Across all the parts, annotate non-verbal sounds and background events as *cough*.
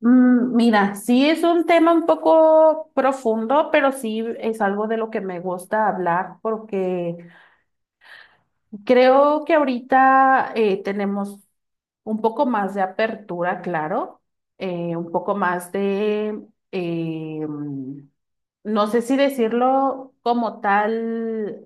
Mira, sí es un tema un poco profundo, pero sí es algo de lo que me gusta hablar porque creo que ahorita tenemos un poco más de apertura, claro, un poco más de, eh, mm, no sé si decirlo como tal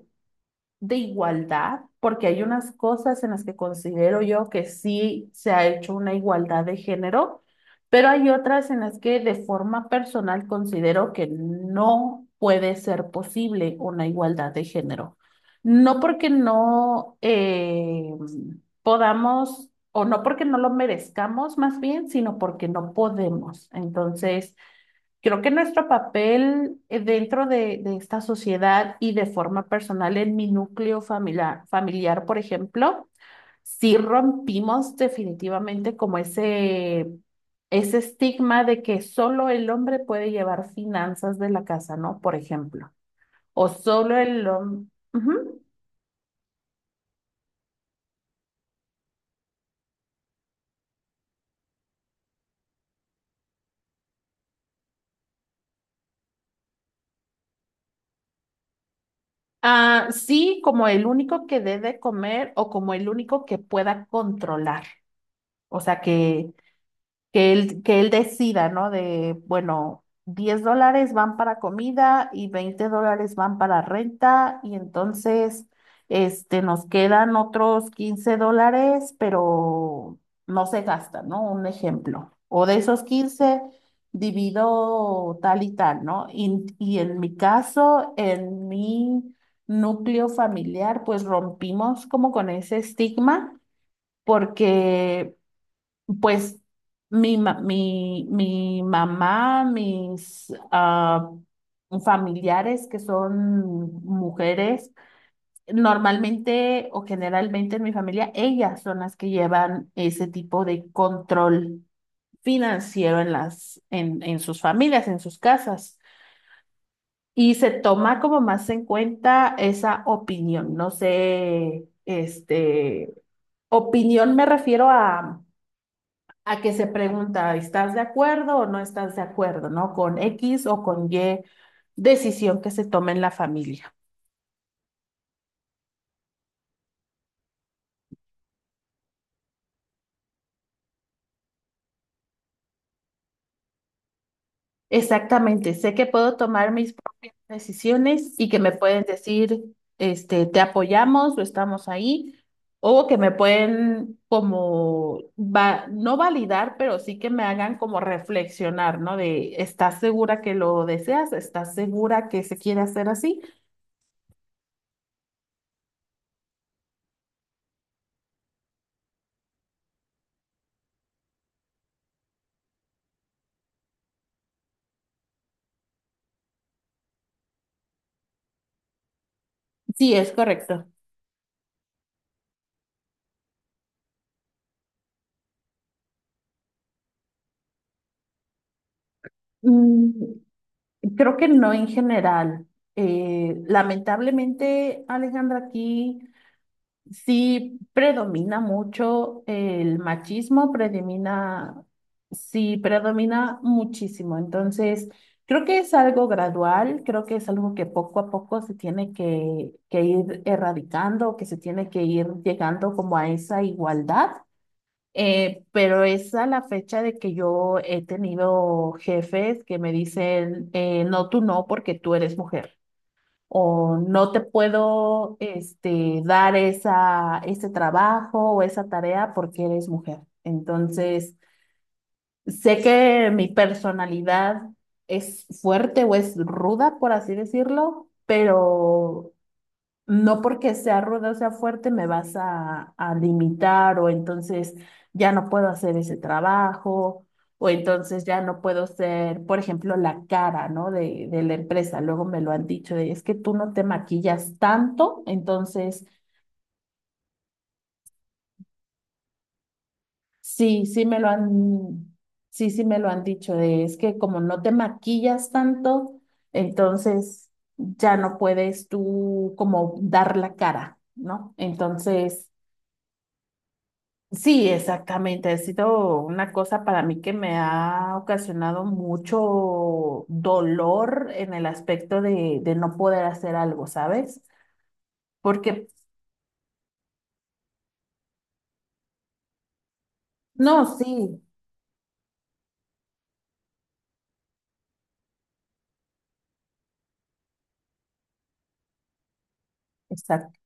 de igualdad, porque hay unas cosas en las que considero yo que sí se ha hecho una igualdad de género, pero hay otras en las que de forma personal considero que no puede ser posible una igualdad de género. No porque no podamos, o no porque no lo merezcamos más bien, sino porque no podemos. Entonces. Creo que nuestro papel dentro de esta sociedad y de forma personal en mi núcleo familiar, por ejemplo, sí rompimos definitivamente como ese estigma de que solo el hombre puede llevar finanzas de la casa, ¿no? Por ejemplo, o solo el hombre. Ah, sí, como el único que debe comer o como el único que pueda controlar. O sea, que él decida, ¿no? De, bueno, 10 dólares van para comida y 20 dólares van para renta y entonces, este, nos quedan otros 15 dólares, pero no se gastan, ¿no? Un ejemplo. O de esos 15 divido tal y tal, ¿no? Y en mi caso, en mi núcleo familiar, pues rompimos como con ese estigma porque pues mi mamá, mis familiares que son mujeres, normalmente o generalmente en mi familia, ellas son las que llevan ese tipo de control financiero en sus familias, en sus casas. Y se toma como más en cuenta esa opinión. No sé, este, opinión me refiero a que se pregunta, ¿estás de acuerdo o no estás de acuerdo?, ¿no? Con X o con Y decisión que se tome en la familia. Exactamente, sé que puedo tomar mis propias decisiones y que me pueden decir, este, te apoyamos o estamos ahí, o que me pueden como, va, no validar, pero sí que me hagan como reflexionar, ¿no? De, ¿estás segura que lo deseas? ¿Estás segura que se quiere hacer así? Sí, es correcto. Mm, Creo que no en general. Lamentablemente, Alejandra, aquí sí predomina mucho el machismo, predomina, sí predomina muchísimo. Entonces, creo que es algo gradual, creo que es algo que poco a poco se tiene que ir erradicando, que se tiene que ir llegando como a esa igualdad. Pero es a la fecha de que yo he tenido jefes que me dicen, no, tú no, porque tú eres mujer. O no te puedo, este, dar esa, ese trabajo o esa tarea porque eres mujer. Entonces, sé que mi personalidad es fuerte o es ruda, por así decirlo, pero no porque sea ruda o sea fuerte me vas a limitar o entonces ya no puedo hacer ese trabajo o entonces ya no puedo ser, por ejemplo, la cara, ¿no? de, la empresa. Luego me lo han dicho de, es que tú no te maquillas tanto, entonces sí, sí me lo han, sí, sí me lo han dicho de, es que como no te maquillas tanto, entonces ya no puedes tú como dar la cara, ¿no? Entonces. Sí, exactamente. Ha sido una cosa para mí que me ha ocasionado mucho dolor en el aspecto de no poder hacer algo, ¿sabes? Porque, no, sí, exacto.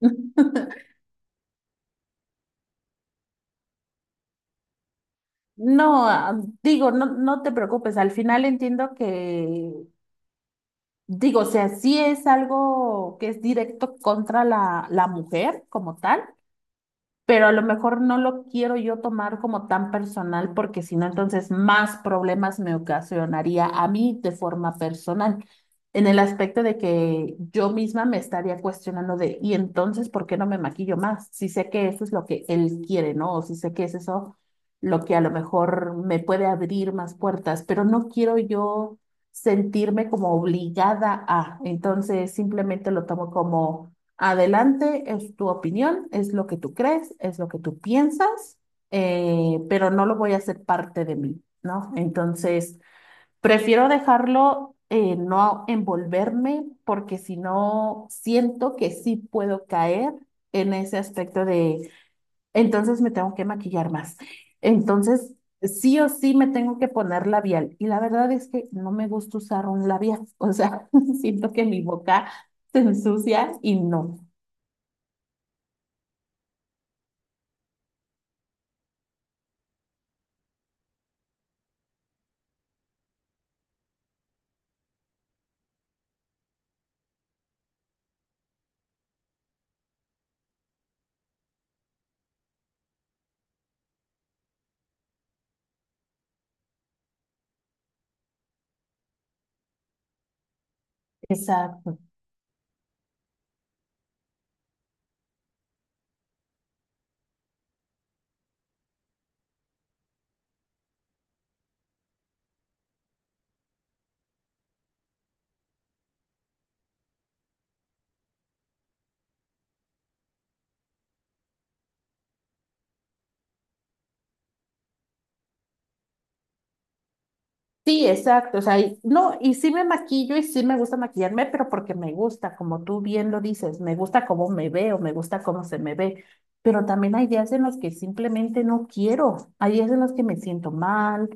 *laughs* No, digo, no, no te preocupes. Al final entiendo que, digo, o sea, sí es algo que es directo contra la mujer como tal pero a lo mejor no lo quiero yo tomar como tan personal porque si no, entonces más problemas me ocasionaría a mí de forma personal, en el aspecto de que yo misma me estaría cuestionando de, y entonces, ¿por qué no me maquillo más? Si sé que eso es lo que él quiere, ¿no? O si sé que es eso lo que a lo mejor me puede abrir más puertas, pero no quiero yo sentirme como obligada a, entonces simplemente lo tomo como adelante, es tu opinión, es lo que tú crees, es lo que tú piensas, pero no lo voy a hacer parte de mí, ¿no? Entonces, prefiero dejarlo, no envolverme, porque si no, siento que sí puedo caer en ese aspecto de, entonces me tengo que maquillar más. Entonces, sí o sí me tengo que poner labial. Y la verdad es que no me gusta usar un labial, o sea, *laughs* siento que mi boca se ensucia y no. Exacto. Sí, exacto. O sea, no, y sí me maquillo y sí me gusta maquillarme, pero porque me gusta, como tú bien lo dices, me gusta cómo me veo, me gusta cómo se me ve. Pero también hay días en los que simplemente no quiero. Hay días en los que me siento mal.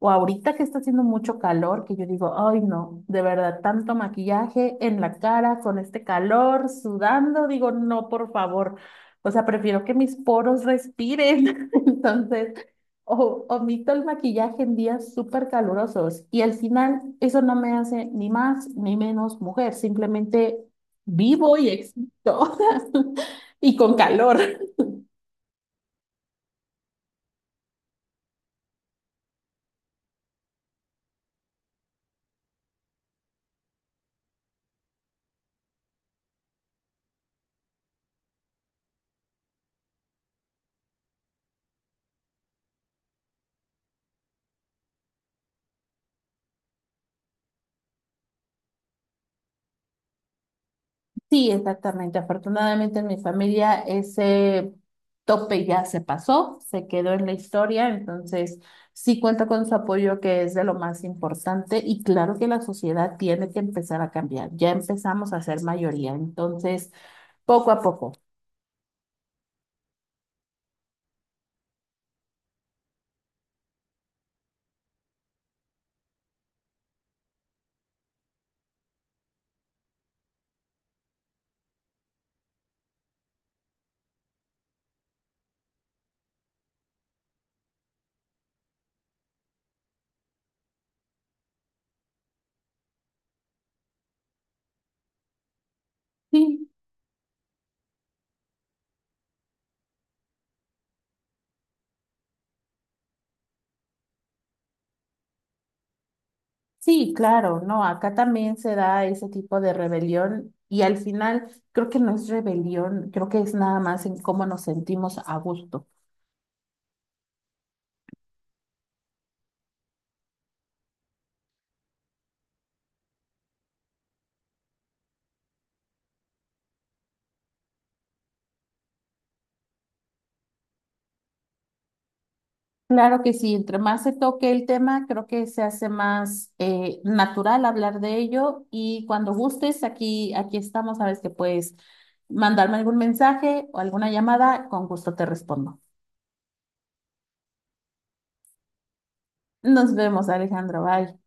O ahorita que está haciendo mucho calor, que yo digo, ay, no, de verdad, tanto maquillaje en la cara con este calor, sudando, digo, no, por favor. O sea, prefiero que mis poros respiren. *laughs* Entonces. O omito el maquillaje en días súper calurosos y al final eso no me hace ni más ni menos mujer, simplemente vivo y existo *laughs* y con calor. Sí, exactamente. Afortunadamente en mi familia ese tope ya se pasó, se quedó en la historia, entonces sí cuenta con su apoyo que es de lo más importante y claro que la sociedad tiene que empezar a cambiar. Ya empezamos a ser mayoría, entonces poco a poco. Sí, sí, claro, no, acá también se da ese tipo de rebelión y al final creo que no es rebelión, creo que es nada más en cómo nos sentimos a gusto. Claro que sí, entre más se toque el tema, creo que se hace más natural hablar de ello y cuando gustes, aquí, aquí estamos, sabes que puedes mandarme algún mensaje o alguna llamada, con gusto te respondo. Nos vemos, Alejandro, bye.